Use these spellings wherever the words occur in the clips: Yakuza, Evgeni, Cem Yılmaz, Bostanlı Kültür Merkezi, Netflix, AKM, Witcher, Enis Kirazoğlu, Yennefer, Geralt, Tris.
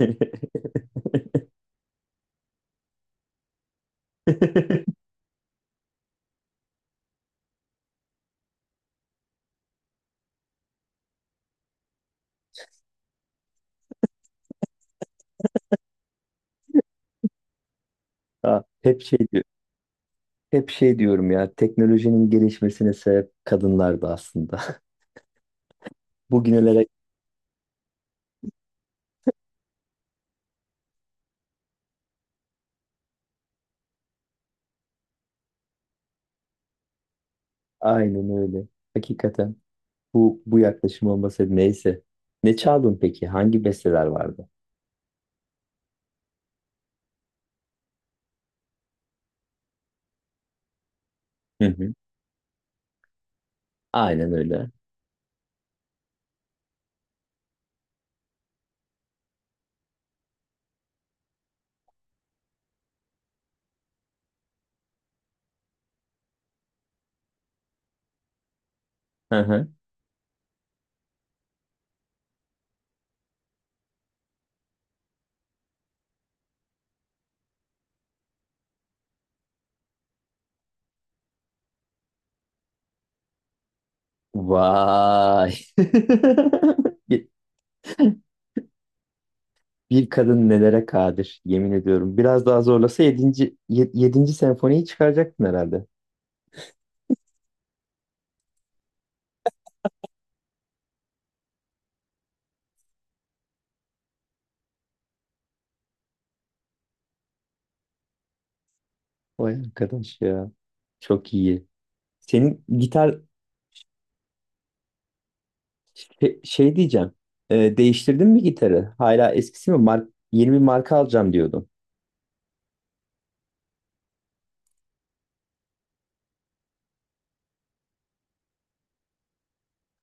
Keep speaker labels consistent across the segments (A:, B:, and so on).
A: Ha, hep şey diyor. Hep şey diyorum ya. Teknolojinin gelişmesine sebep kadınlardı aslında. Bugünlere aynen öyle. Hakikaten bu yaklaşım olmasaydı neyse. Ne çaldın peki? Hangi besteler vardı? Hı hı. Aynen öyle. Hı hı. Vay. Bir, bir kadın nelere kadir, yemin ediyorum. Biraz daha zorlasa 7. senfoniyi çıkaracaktın herhalde. Vay arkadaş ya. Çok iyi. Senin gitar. Şey, şey diyeceğim. Değiştirdin mi gitarı? Hala eskisi mi? Yeni bir marka alacağım diyordun.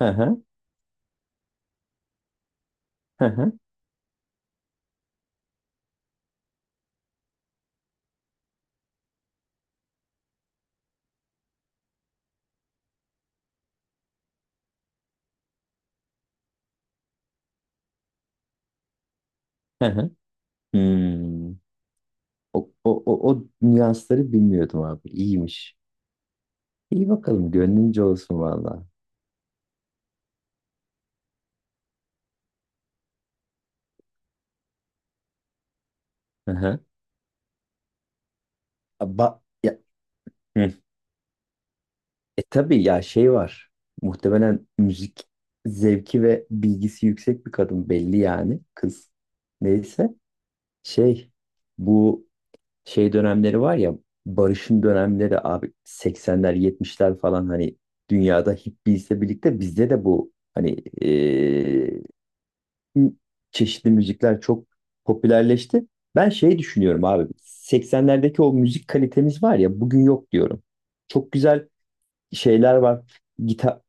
A: Hı hı. Hı hı. Hı hı. Hmm. O nüansları bilmiyordum abi. İyiymiş. İyi bakalım. Gönlünce olsun valla. Hı hı. Ba ya, hı. E tabii ya şey var. Muhtemelen müzik zevki ve bilgisi yüksek bir kadın belli yani. Kız. Neyse. Şey. Bu şey dönemleri var ya, barışın dönemleri abi, 80'ler, 70'ler falan, hani dünyada hippiesle birlikte bizde de bu hani, eee, çeşitli müzikler çok popülerleşti. Ben şey düşünüyorum abi, 80'lerdeki o müzik kalitemiz var ya, bugün yok diyorum. Çok güzel şeyler var. Gitar,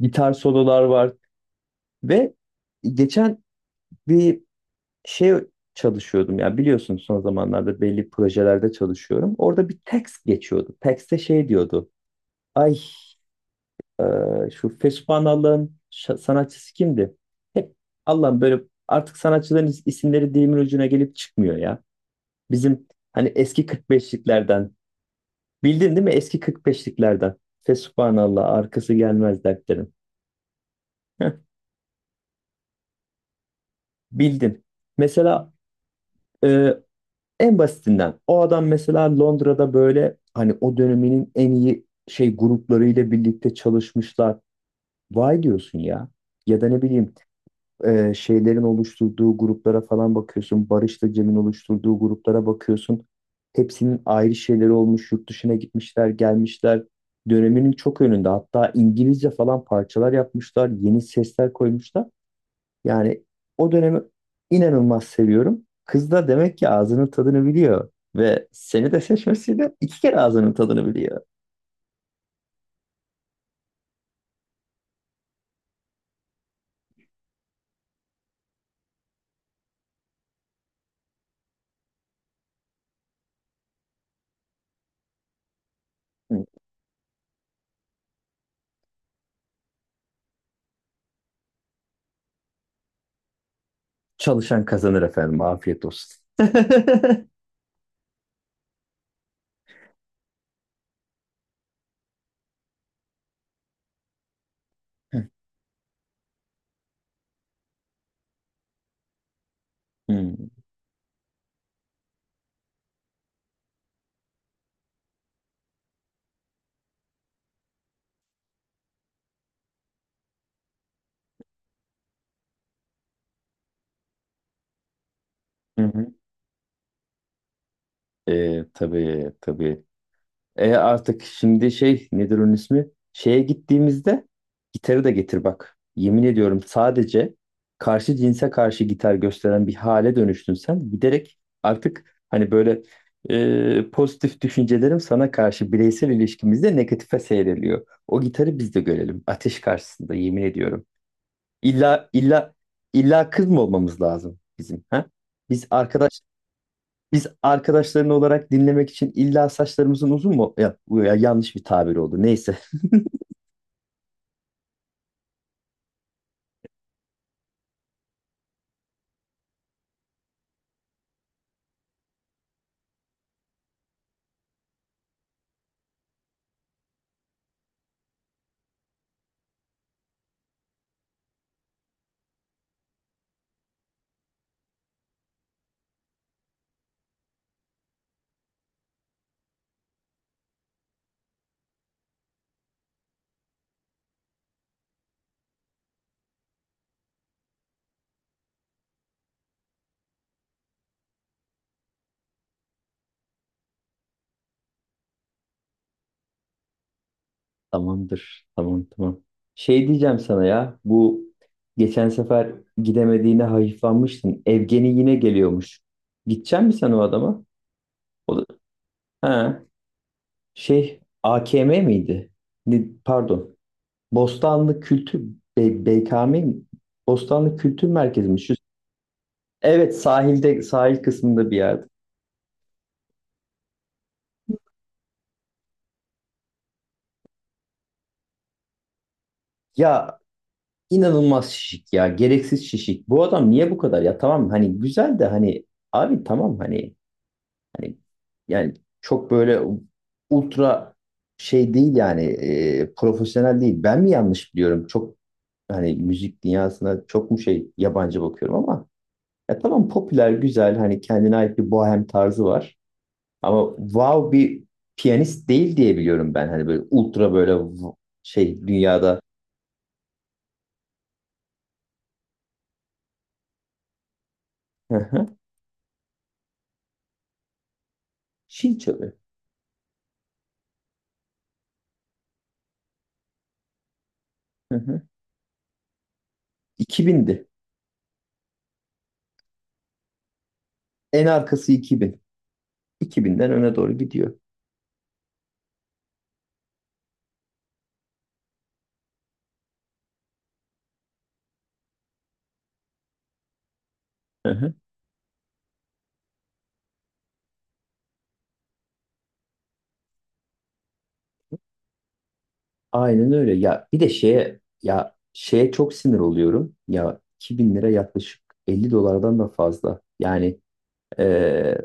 A: gitar sololar var ve geçen bir şey çalışıyordum ya, biliyorsun son zamanlarda belli projelerde çalışıyorum. Orada bir text geçiyordu. Text'te şey diyordu. Ay, şu Fesuphanallah'ın sanatçısı kimdi? Hep Allah'ım, böyle artık sanatçıların isimleri dilimin ucuna gelip çıkmıyor ya. Bizim hani eski 45'liklerden, bildin değil mi? Eski 45'liklerden. Fesuphanallah arkası gelmez dertlerin. Heh, bildin. Mesela e, en basitinden o adam mesela Londra'da böyle, hani o döneminin en iyi şey gruplarıyla birlikte çalışmışlar. Vay diyorsun ya. Ya da ne bileyim, şeylerin oluşturduğu gruplara falan bakıyorsun. Barış'la Cem'in oluşturduğu gruplara bakıyorsun. Hepsinin ayrı şeyleri olmuş. Yurt dışına gitmişler, gelmişler. Döneminin çok önünde. Hatta İngilizce falan parçalar yapmışlar. Yeni sesler koymuşlar. Yani o dönemi inanılmaz seviyorum. Kız da demek ki ağzının tadını biliyor. Ve seni de seçmesiyle iki kere ağzının tadını biliyor. Hı. Çalışan kazanır efendim. Afiyet olsun. Hı. Hı hı. Tabii tabii. E, artık şimdi şey nedir onun ismi? Şeye gittiğimizde gitarı da getir bak. Yemin ediyorum, sadece karşı cinse karşı gitar gösteren bir hale dönüştün sen. Giderek artık hani böyle, pozitif düşüncelerim sana karşı bireysel ilişkimizde negatife seyreliyor. O gitarı biz de görelim ateş karşısında, yemin ediyorum. İlla, illa, illa kız mı olmamız lazım bizim, ha? Biz arkadaş Biz arkadaşların olarak dinlemek için illa saçlarımızın uzun mu? Ya, bu ya yanlış bir tabir oldu. Neyse. Tamamdır. Tamam, tamam. Şey diyeceğim sana ya. Bu geçen sefer gidemediğine hayıflanmıştın. Evgeni yine geliyormuş. Gidecek misin sen o adama? O da, ha, şey, AKM miydi? Pardon. Bostanlı Kültür, BKM mi? Bostanlı Kültür Merkezi mi? Şu, evet, sahilde, sahil kısmında bir yerde. Ya, İnanılmaz şişik ya. Gereksiz şişik. Bu adam niye bu kadar, ya? Tamam hani, güzel de hani abi, tamam hani yani çok böyle ultra şey değil yani, profesyonel değil. Ben mi yanlış biliyorum? Çok hani, müzik dünyasına çok mu şey, yabancı bakıyorum, ama ya tamam, popüler güzel, hani kendine ait bir bohem tarzı var. Ama wow bir piyanist değil diye biliyorum ben. Hani böyle ultra böyle, şey dünyada. Hı hı. Şil çalıyor. Hı hı. 2000'di. En arkası 2000. 2000'den öne doğru gidiyor. Hı hı. Aynen öyle. Ya bir de şeye, ya şeye çok sinir oluyorum. Ya 2000 lira, yaklaşık 50 dolardan da fazla. Yani eee,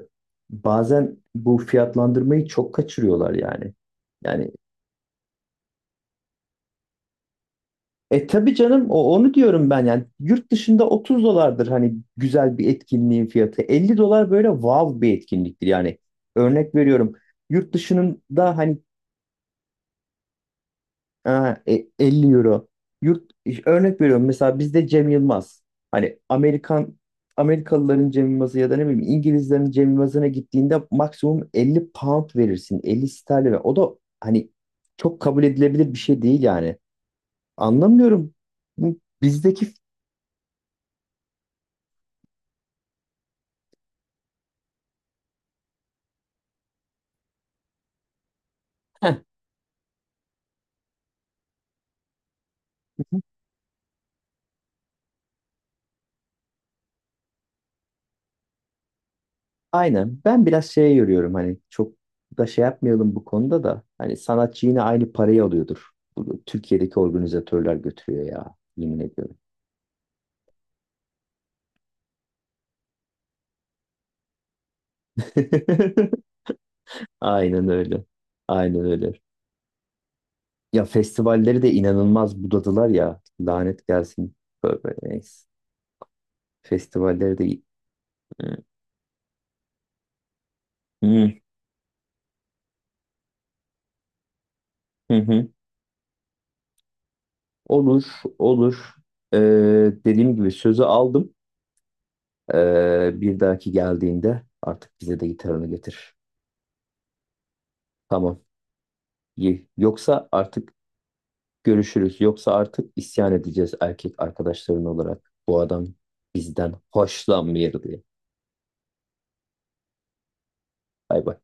A: bazen bu fiyatlandırmayı çok kaçırıyorlar yani. Yani, e tabii canım, o onu diyorum ben yani, yurt dışında 30 dolardır hani güzel bir etkinliğin fiyatı. 50 dolar böyle wow bir etkinliktir yani. Örnek veriyorum. Yurt dışında hani. Ha, 50 euro. Yurt örnek veriyorum, mesela bizde Cem Yılmaz. Hani, Amerikalıların Cem Yılmaz'ı ya da ne bileyim İngilizlerin Cem Yılmaz'ına gittiğinde maksimum 50 pound verirsin. 50 sterlin. O da hani çok kabul edilebilir bir şey değil yani. Anlamıyorum. Bu bizdeki. Heh, aynen. Ben biraz şeye yoruyorum, hani çok da şey yapmayalım bu konuda da. Hani sanatçı yine aynı parayı alıyordur. Bunu Türkiye'deki organizatörler götürüyor ya. Yemin ediyorum. Aynen öyle. Aynen öyle. Ya festivalleri de inanılmaz budadılar ya. Lanet gelsin. Böyle, neyse. Festivalleri de... Hı, hı, hı. Olur, olur. Ee, dediğim gibi sözü aldım. Bir dahaki geldiğinde artık bize de gitarını getir. Tamam. İyi. Yoksa artık görüşürüz. Yoksa artık isyan edeceğiz erkek arkadaşların olarak. Bu adam bizden hoşlanmıyor diye. Bay bay.